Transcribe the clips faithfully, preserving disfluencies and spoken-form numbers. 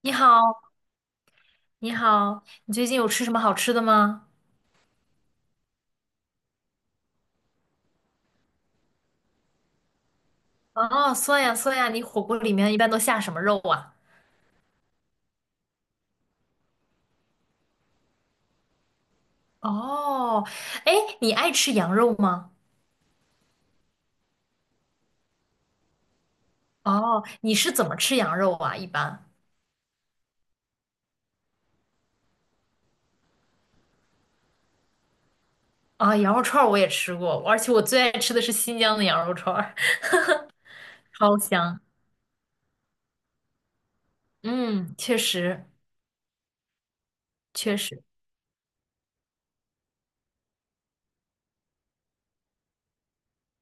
你好，你好，你最近有吃什么好吃的吗？哦，酸呀酸呀，你火锅里面一般都下什么肉啊？哦，哎，你爱吃羊肉吗？哦，你是怎么吃羊肉啊？一般啊，羊肉串儿我也吃过，而且我最爱吃的是新疆的羊肉串儿，超香。嗯，确实确实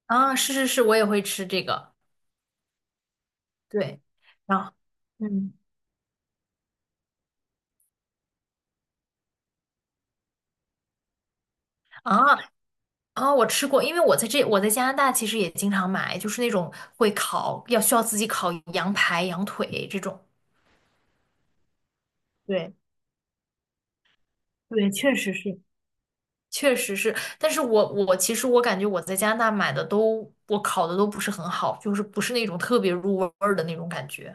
啊，是是是，我也会吃这个。对，啊，嗯啊，啊、我吃过，因为我在这，我在加拿大其实也经常买，就是那种会烤，要需要自己烤羊排、羊腿这种。对对，确实是。确实是，但是我我其实我感觉我在加拿大买的都，我烤的都不是很好，就是不是那种特别入味儿的那种感觉。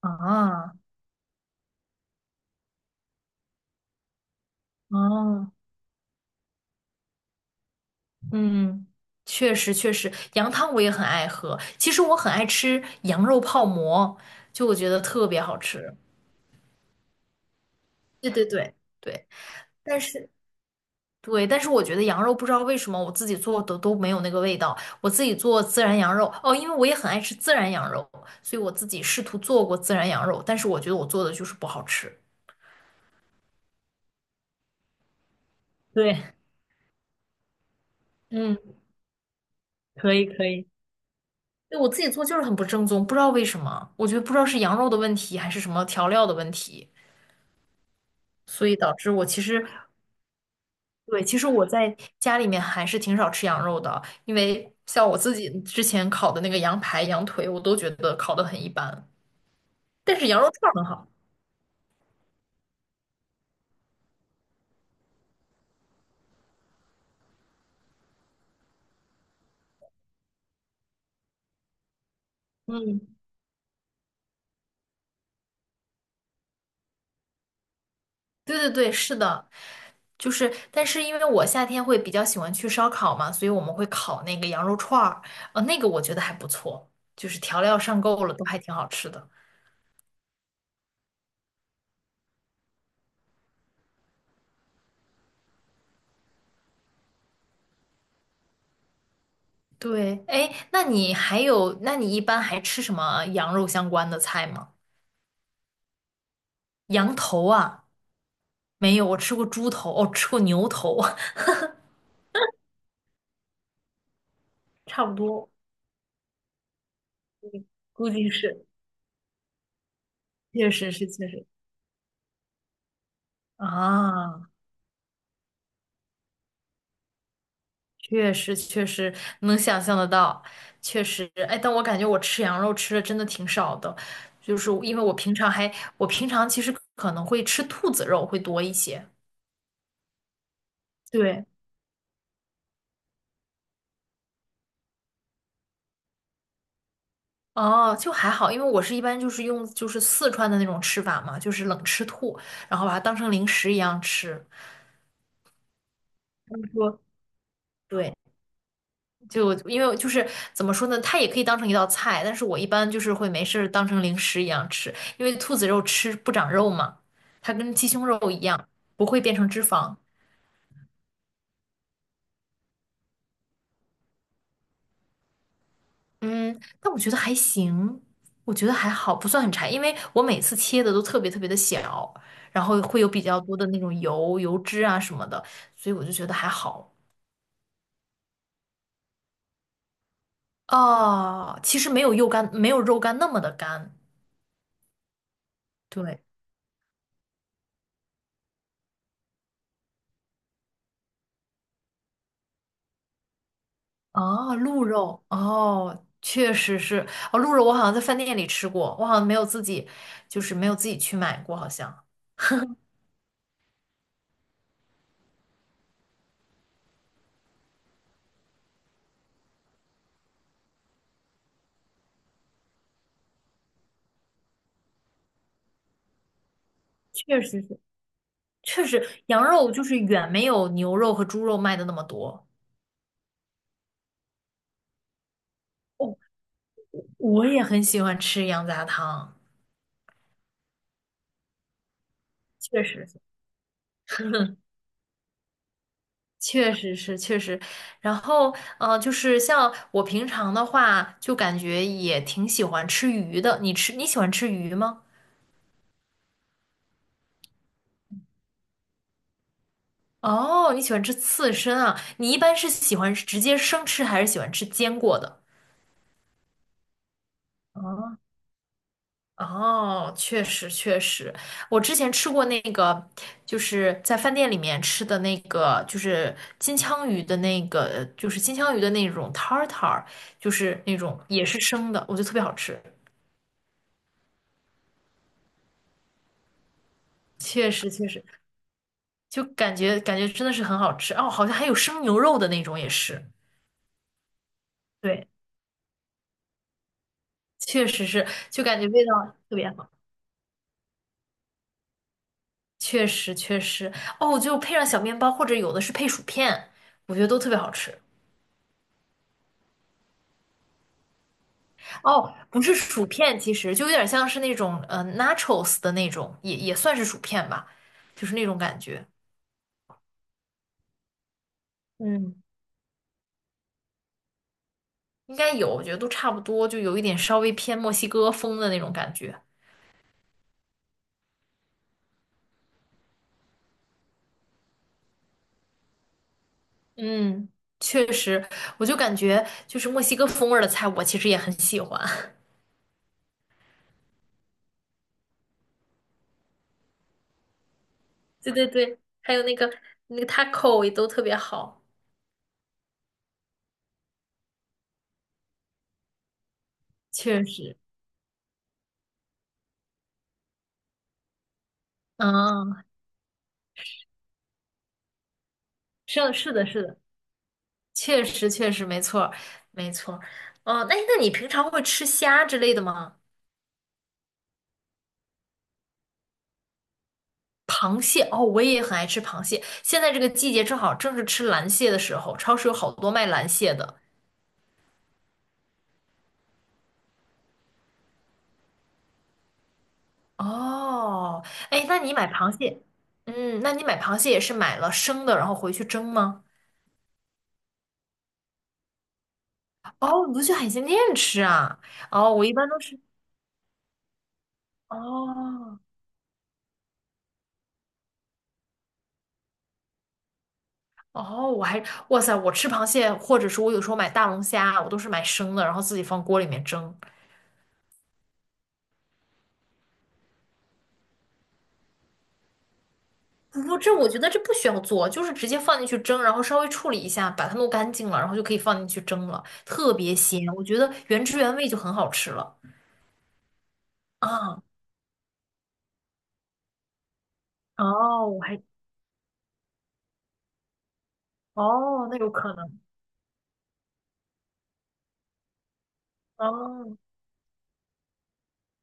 啊啊，嗯，确实确实，羊汤我也很爱喝。其实我很爱吃羊肉泡馍，就我觉得特别好吃。对对对对，但是对，但是我觉得羊肉不知道为什么我自己做的都没有那个味道。我自己做孜然羊肉，哦，因为我也很爱吃孜然羊肉，所以我自己试图做过孜然羊肉，但是我觉得我做的就是不好吃。对 嗯，可以可以，对，我自己做就是很不正宗，不知道为什么，我觉得不知道是羊肉的问题还是什么调料的问题，所以导致我其实，对，其实我在家里面还是挺少吃羊肉的，因为像我自己之前烤的那个羊排、羊腿，我都觉得烤的很一般，但是羊肉串儿很好。嗯，对对对，是的，就是，但是因为我夏天会比较喜欢去烧烤嘛，所以我们会烤那个羊肉串儿，呃，那个我觉得还不错，就是调料上够了，都还挺好吃的。对，哎，那你还有，那你一般还吃什么羊肉相关的菜吗？羊头啊，没有，我吃过猪头，哦，吃过牛头，差不多，估计是，确实是，确实啊。确实确实能想象得到，确实，哎，但我感觉我吃羊肉吃的真的挺少的，就是因为我平常还，我平常其实可能会吃兔子肉会多一些。对，哦，就还好，因为我是一般就是用就是四川的那种吃法嘛，就是冷吃兔，然后把它当成零食一样吃。他们说，对，就因为就是怎么说呢，它也可以当成一道菜，但是我一般就是会没事儿当成零食一样吃，因为兔子肉吃不长肉嘛，它跟鸡胸肉一样，不会变成脂肪。嗯，但我觉得还行，我觉得还好，不算很柴，因为我每次切的都特别特别的小，然后会有比较多的那种油、油脂啊什么的，所以我就觉得还好。哦，其实没有肉干，没有肉干那么的干，对。哦，鹿肉，哦，确实是，哦，鹿肉我好像在饭店里吃过，我好像没有自己，就是没有自己去买过，好像确实是，确实羊肉就是远没有牛肉和猪肉卖的那么多。哦，我也很喜欢吃羊杂汤，确实是。确实是，确实，然后，呃，就是像我平常的话，就感觉也挺喜欢吃鱼的。你吃，你喜欢吃鱼吗？哦，你喜欢吃刺身啊？你一般是喜欢直接生吃，还是喜欢吃煎过的？哦，哦，确实确实，我之前吃过那个，就是在饭店里面吃的那个，就是金枪鱼的那个，就是金枪鱼的那种 tartar，就是那种也是生的，我觉得特别好吃。确实确实，就感觉感觉真的是很好吃哦，好像还有生牛肉的那种也是，对，确实是，就感觉味道特别好。确实确实哦，就配上小面包，或者有的是配薯片，我觉得都特别好吃。哦，不是薯片，其实就有点像是那种呃 nachos 的那种，也也算是薯片吧，就是那种感觉。嗯，应该有，我觉得都差不多，就有一点稍微偏墨西哥风的那种感觉。嗯，确实，我就感觉就是墨西哥风味儿的菜，我其实也很喜欢。对对对，还有那个那个 taco 也都特别好，确实。嗯，是的，是的，是的。确实确实没错儿没错儿。哦、那那你平常会吃虾之类的吗？螃蟹哦，我也很爱吃螃蟹。现在这个季节正好正是吃蓝蟹的时候，超市有好多卖蓝蟹的。哦，哎，那你买螃蟹，嗯，那你买螃蟹也是买了生的，然后回去蒸吗？哦，你都去海鲜店吃啊？哦，我一般都是哦哦，我还哇塞，我吃螃蟹，或者说我有时候买大龙虾，我都是买生的，然后自己放锅里面蒸。不，这我觉得这不需要做，就是直接放进去蒸，然后稍微处理一下，把它弄干净了，然后就可以放进去蒸了，特别鲜，我觉得原汁原味就很好吃了。啊，哦，我还，哦，那有可能，哦，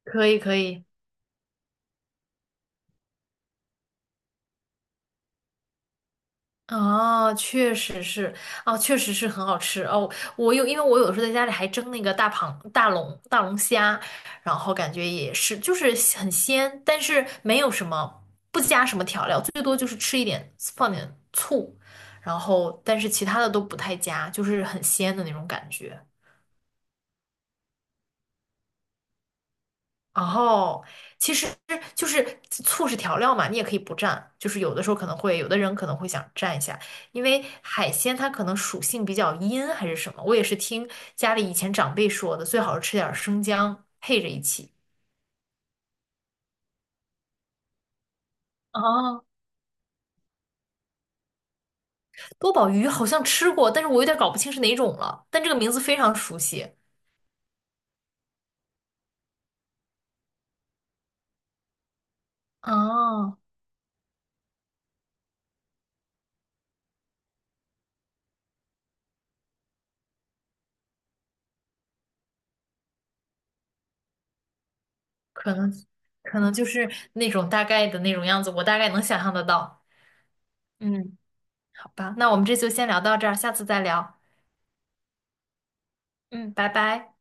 可以可以。哦，确实是，哦，确实是很好吃哦。我有，因为我有时候在家里还蒸那个大螃、大龙、大龙虾，然后感觉也是，就是很鲜，但是没有什么，不加什么调料，最多就是吃一点，放点醋，然后但是其他的都不太加，就是很鲜的那种感觉。哦，其实就是醋是调料嘛，你也可以不蘸，就是有的时候可能会，有的人可能会想蘸一下，因为海鲜它可能属性比较阴还是什么，我也是听家里以前长辈说的，最好是吃点儿生姜配着一起。哦，多宝鱼好像吃过，但是我有点搞不清是哪种了，但这个名字非常熟悉，哦，可能可能就是那种大概的那种样子，我大概能想象得到。嗯好吧，那我们这就先聊到这儿，下次再聊，嗯。拜拜。